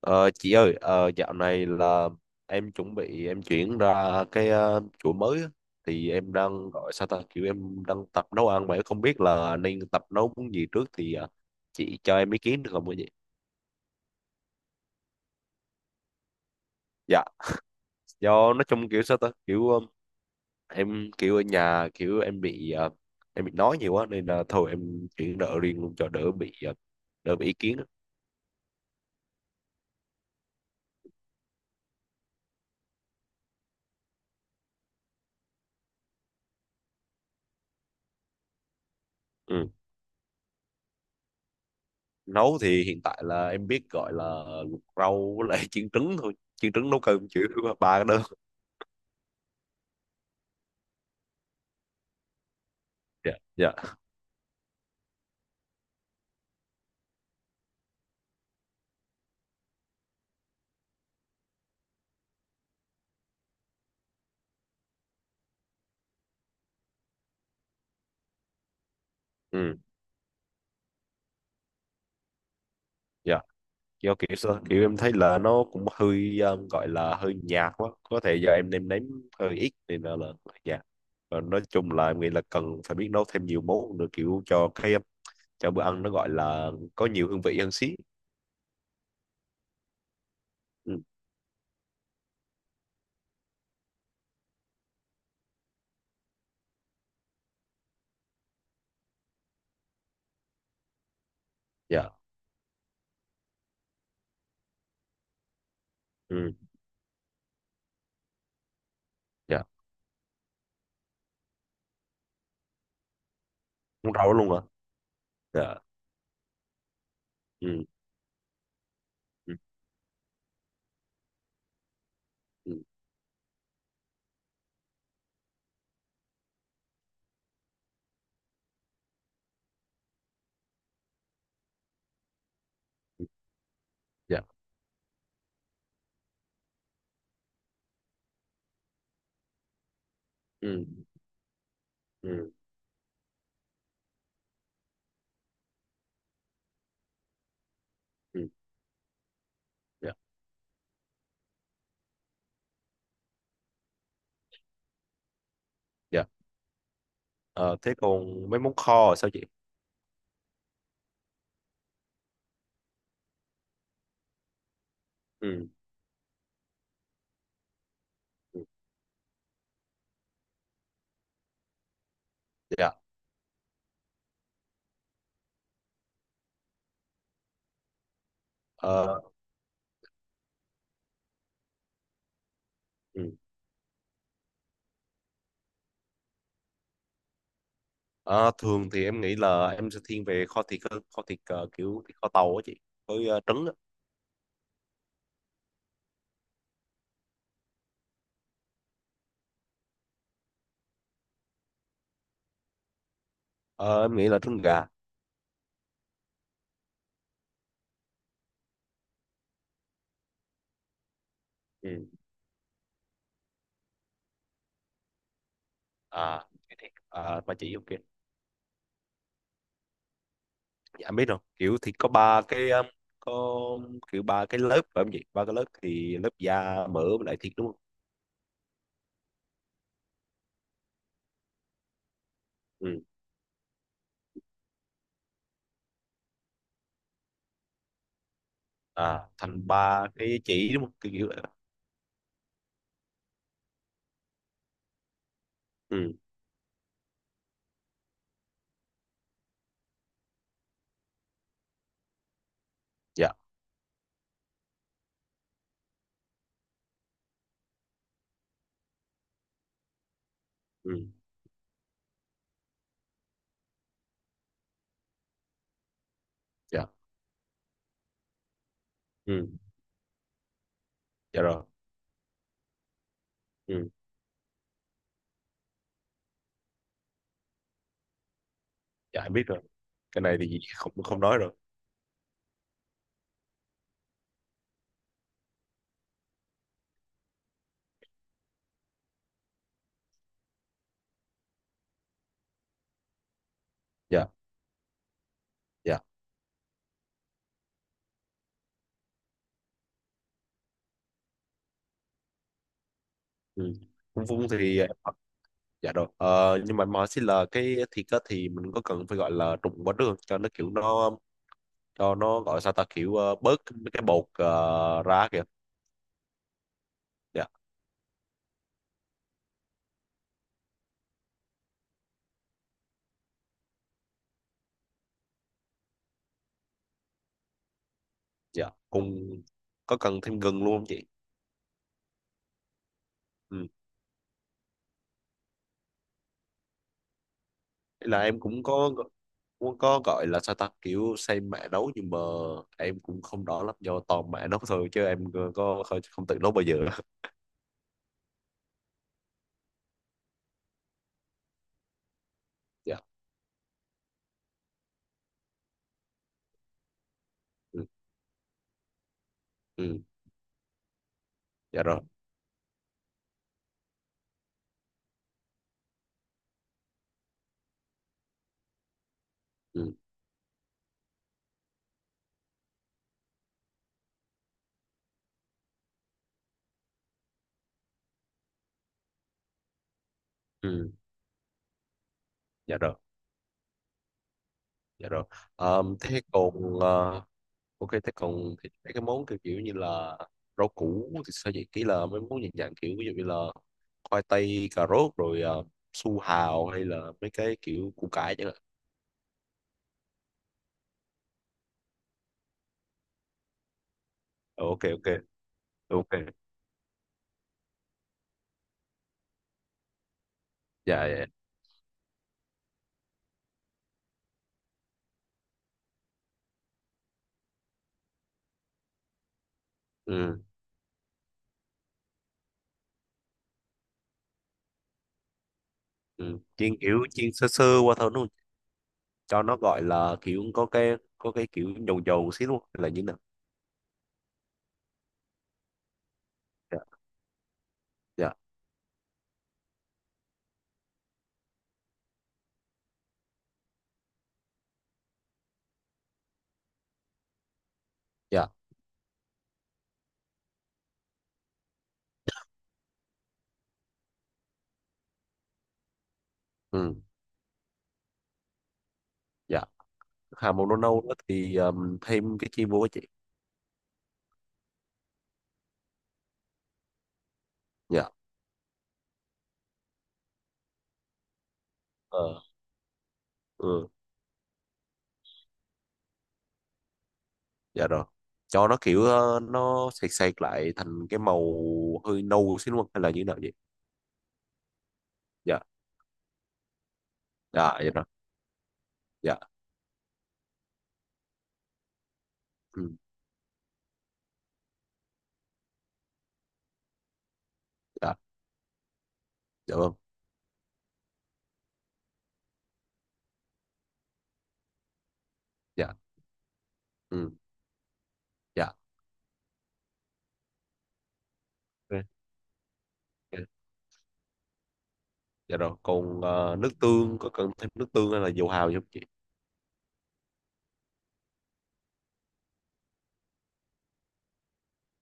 Ờ, chị ơi, dạo này là em chuẩn bị em chuyển ra cái chỗ mới á. Thì em đang gọi sao ta kiểu em đang tập nấu ăn vậy, không biết là nên tập nấu món gì trước thì chị cho em ý kiến được không ạ chị? Dạ, do nói chung kiểu sao ta kiểu em kiểu ở nhà kiểu em bị em bị nói nhiều quá nên là thôi em chuyển đỡ riêng luôn cho đỡ bị đỡ bị ý kiến á. Ừ. Nấu thì hiện tại là em biết gọi là luộc rau với lại chiên trứng thôi, chiên trứng nấu cơm chịu ba cái đó. Dạ, dạ, ừ, dạ. Do kiểu sao kiểu em thấy là nó cũng hơi gọi là hơi nhạt quá, có thể do em nêm nếm hơi ít nên là dạ, và nói chung là em nghĩ là cần phải biết nấu thêm nhiều món nữa, kiểu cho cái cho bữa ăn nó gọi là có nhiều hương vị hơn xí. Ừ, dạ, ừ, dạ, muốn rau luôn hả? Dạ, ừ, ừ, ừ, ừ, dạ, ừ, ừ, ừ, dạ, dạ. Ờ, thế còn mấy món kho là sao chị? Ừ, ừ, dạ, Ờ, ừ. Ờ, thường thì em nghĩ là em sẽ thiên về kho thịt hơn, kho thịt kiểu thịt kho tàu á chị, với trứng á. Ờ, em nghĩ là trứng gà. Ừ. À, cái thịt à, mà chị ok. Dạ, em biết rồi kiểu thịt có ba cái có kiểu ba cái lớp phải không chị, ba cái lớp thì lớp da mỡ với lại thịt đúng không? Ừ. À, thành ba cái chỉ đúng không, kiểu kiểu vậy đó. Ừ, dạ, ừ, dạ, ừ, dạ rồi, ừ, dạ, em biết rồi, cái này thì không không nói rồi, dạ, dạ, ừ. Cũng Vung thì, dạ rồi. Ờ, nhưng mà MySQL cái thịt á, thì mình có cần phải gọi là trùng quá đường cho nó kiểu nó, cho nó gọi sao ta kiểu bớt mấy cái bột ra kìa? Dạ, dạ. Cùng, có cần thêm gừng luôn không chị? Ừ. Ý là em cũng có, cũng có gọi là sao ta kiểu xây mã nấu nhưng mà em cũng không rõ lắm do toàn mã nấu thôi chứ em có không tự nấu bao giờ. Dạ. Ừ. Ừ. Dạ rồi. Ừ. Ừ. Dạ rồi. Dạ rồi. Thế còn ok, thế còn thì mấy cái món kiểu kiểu như là rau củ thì sao vậy, kỹ là mấy món dạng dạng kiểu ví dụ như là khoai tây, cà rốt rồi su hào hay là mấy cái kiểu củ cải chẳng hạn. Ờ, ok ok ok, dạ dạ dạ. Ừ, ừ. Chiên kiểu chiên sơ sơ qua thôi luôn, cho nó gọi là kiểu có cái kiểu dầu dầu xíu luôn hay là như nào? Dạ dạ dạ, ừ, dạ. Hà màu nâu nâu đó thì thêm cái chiên vô á chị? Dạ, ờ, ừ, dạ rồi, cho nó kiểu nó sệt sệt lại thành cái màu hơi nâu xíu đúng không hay là như thế nào vậy? Dạ, dạ, dạ rồi, dạ, ừ. Dạ, dạ vâng, dạ, ừ. Dạ ok, ok. Dạ rồi còn nước tương, có cần thêm nước tương hay là dầu hào gì không chị?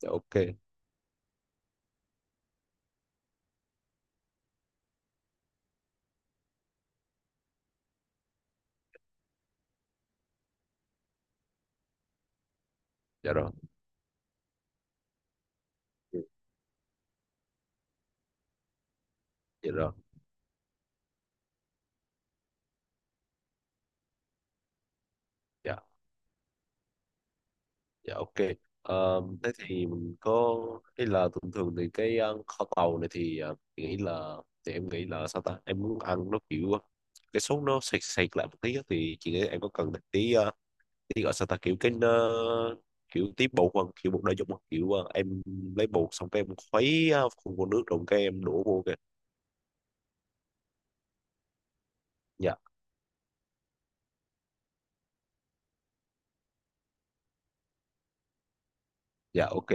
Dạ ok, dạ rồi. Ừ, dạ rồi, dạ. Dạ ok. Thế thì mình có, hay là thường thường thì cái kho tàu này thì mình nghĩ là, thì em nghĩ là sao ta, em muốn ăn nó kiểu cái sốt nó sệt sệt lại một tí á, thì chị nghĩ em có cần một tí tí gọi sao ta kiểu cái kiểu tí bột hoặc kiểu bột đa dụng hoặc kiểu em lấy bột xong cái em khuấy khuôn vô nước rồi cái em đổ vô kìa? Dạ, dạ ok,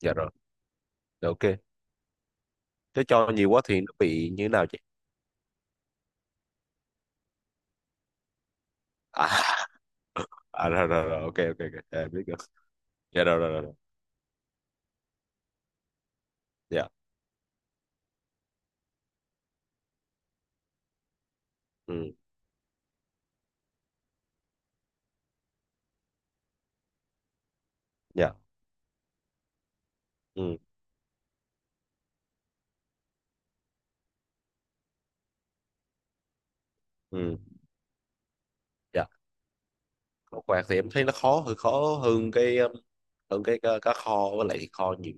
dạ rồi, dạ, ok. Thế cho nhiều quá thì nó bị như thế nào chị? À, à rồi, rồi rồi, ok ok ok. Dạ, em biết rồi. Dạ rồi, rồi rồi rồi. Dạ, ừ, dạ, ừ, ừ, dạ. Khảo quạt thì em thấy nó khó, hơi khó hơn cái hơn cái cá kho với lại thịt kho nhiều.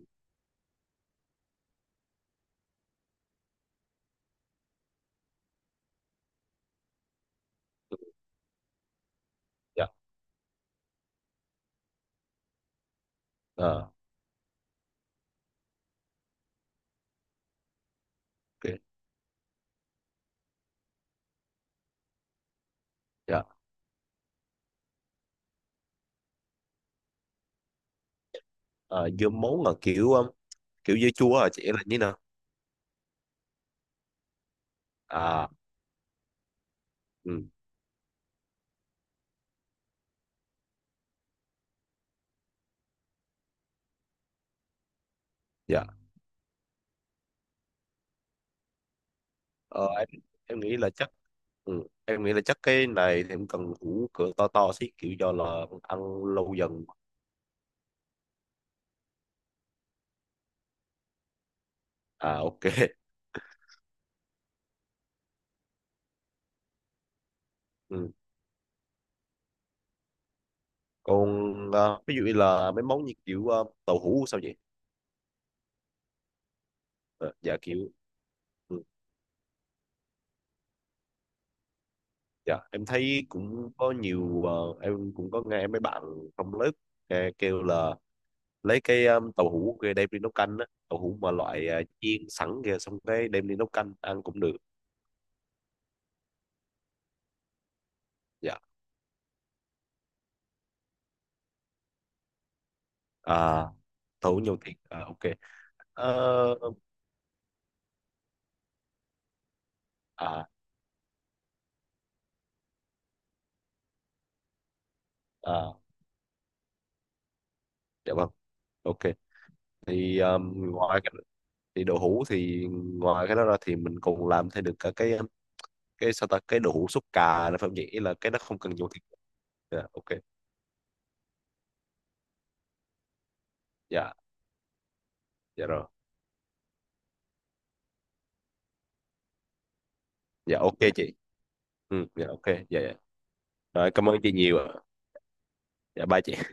Dạ, ờ, ok, dạ. Ờ, dưa muống là kiểu kiểu dưa chua à chị, là như nào? À, ừ, dạ. Ờ, em em nghĩ là chắc, ừ, em nghĩ là chắc cái này thì em cần củ cửa to to xí kiểu do là ăn lâu dần. À, ok, ừ. Còn ví dụ như là mấy món như kiểu tàu hũ sao vậy? Ờ, dạ kiểu, ừ. Dạ, em thấy cũng có nhiều em cũng có nghe mấy bạn trong lớp kêu là lấy cái tàu hũ kia đem đi nấu canh á, tàu hũ mà loại chiên sẵn kia xong cái đem đi nấu canh ăn cũng được. Dạ. À, tàu hũ nhiều thịt. À, ok. Ờ, à à, dạ vâng. Ok. Thì ngoài cái, thì đậu hũ thì ngoài cái đó ra thì mình còn làm thêm được cả cái sao ta cái đậu hũ súp cà là phải không nhỉ? Ý là cái nó không cần nhiều thịt. Dạ, ok. Dạ, dạ rồi. Dạ ok chị. Ừ, dạ ok, dạ dạ rồi, cảm ơn chị nhiều ạ, dạ bye chị.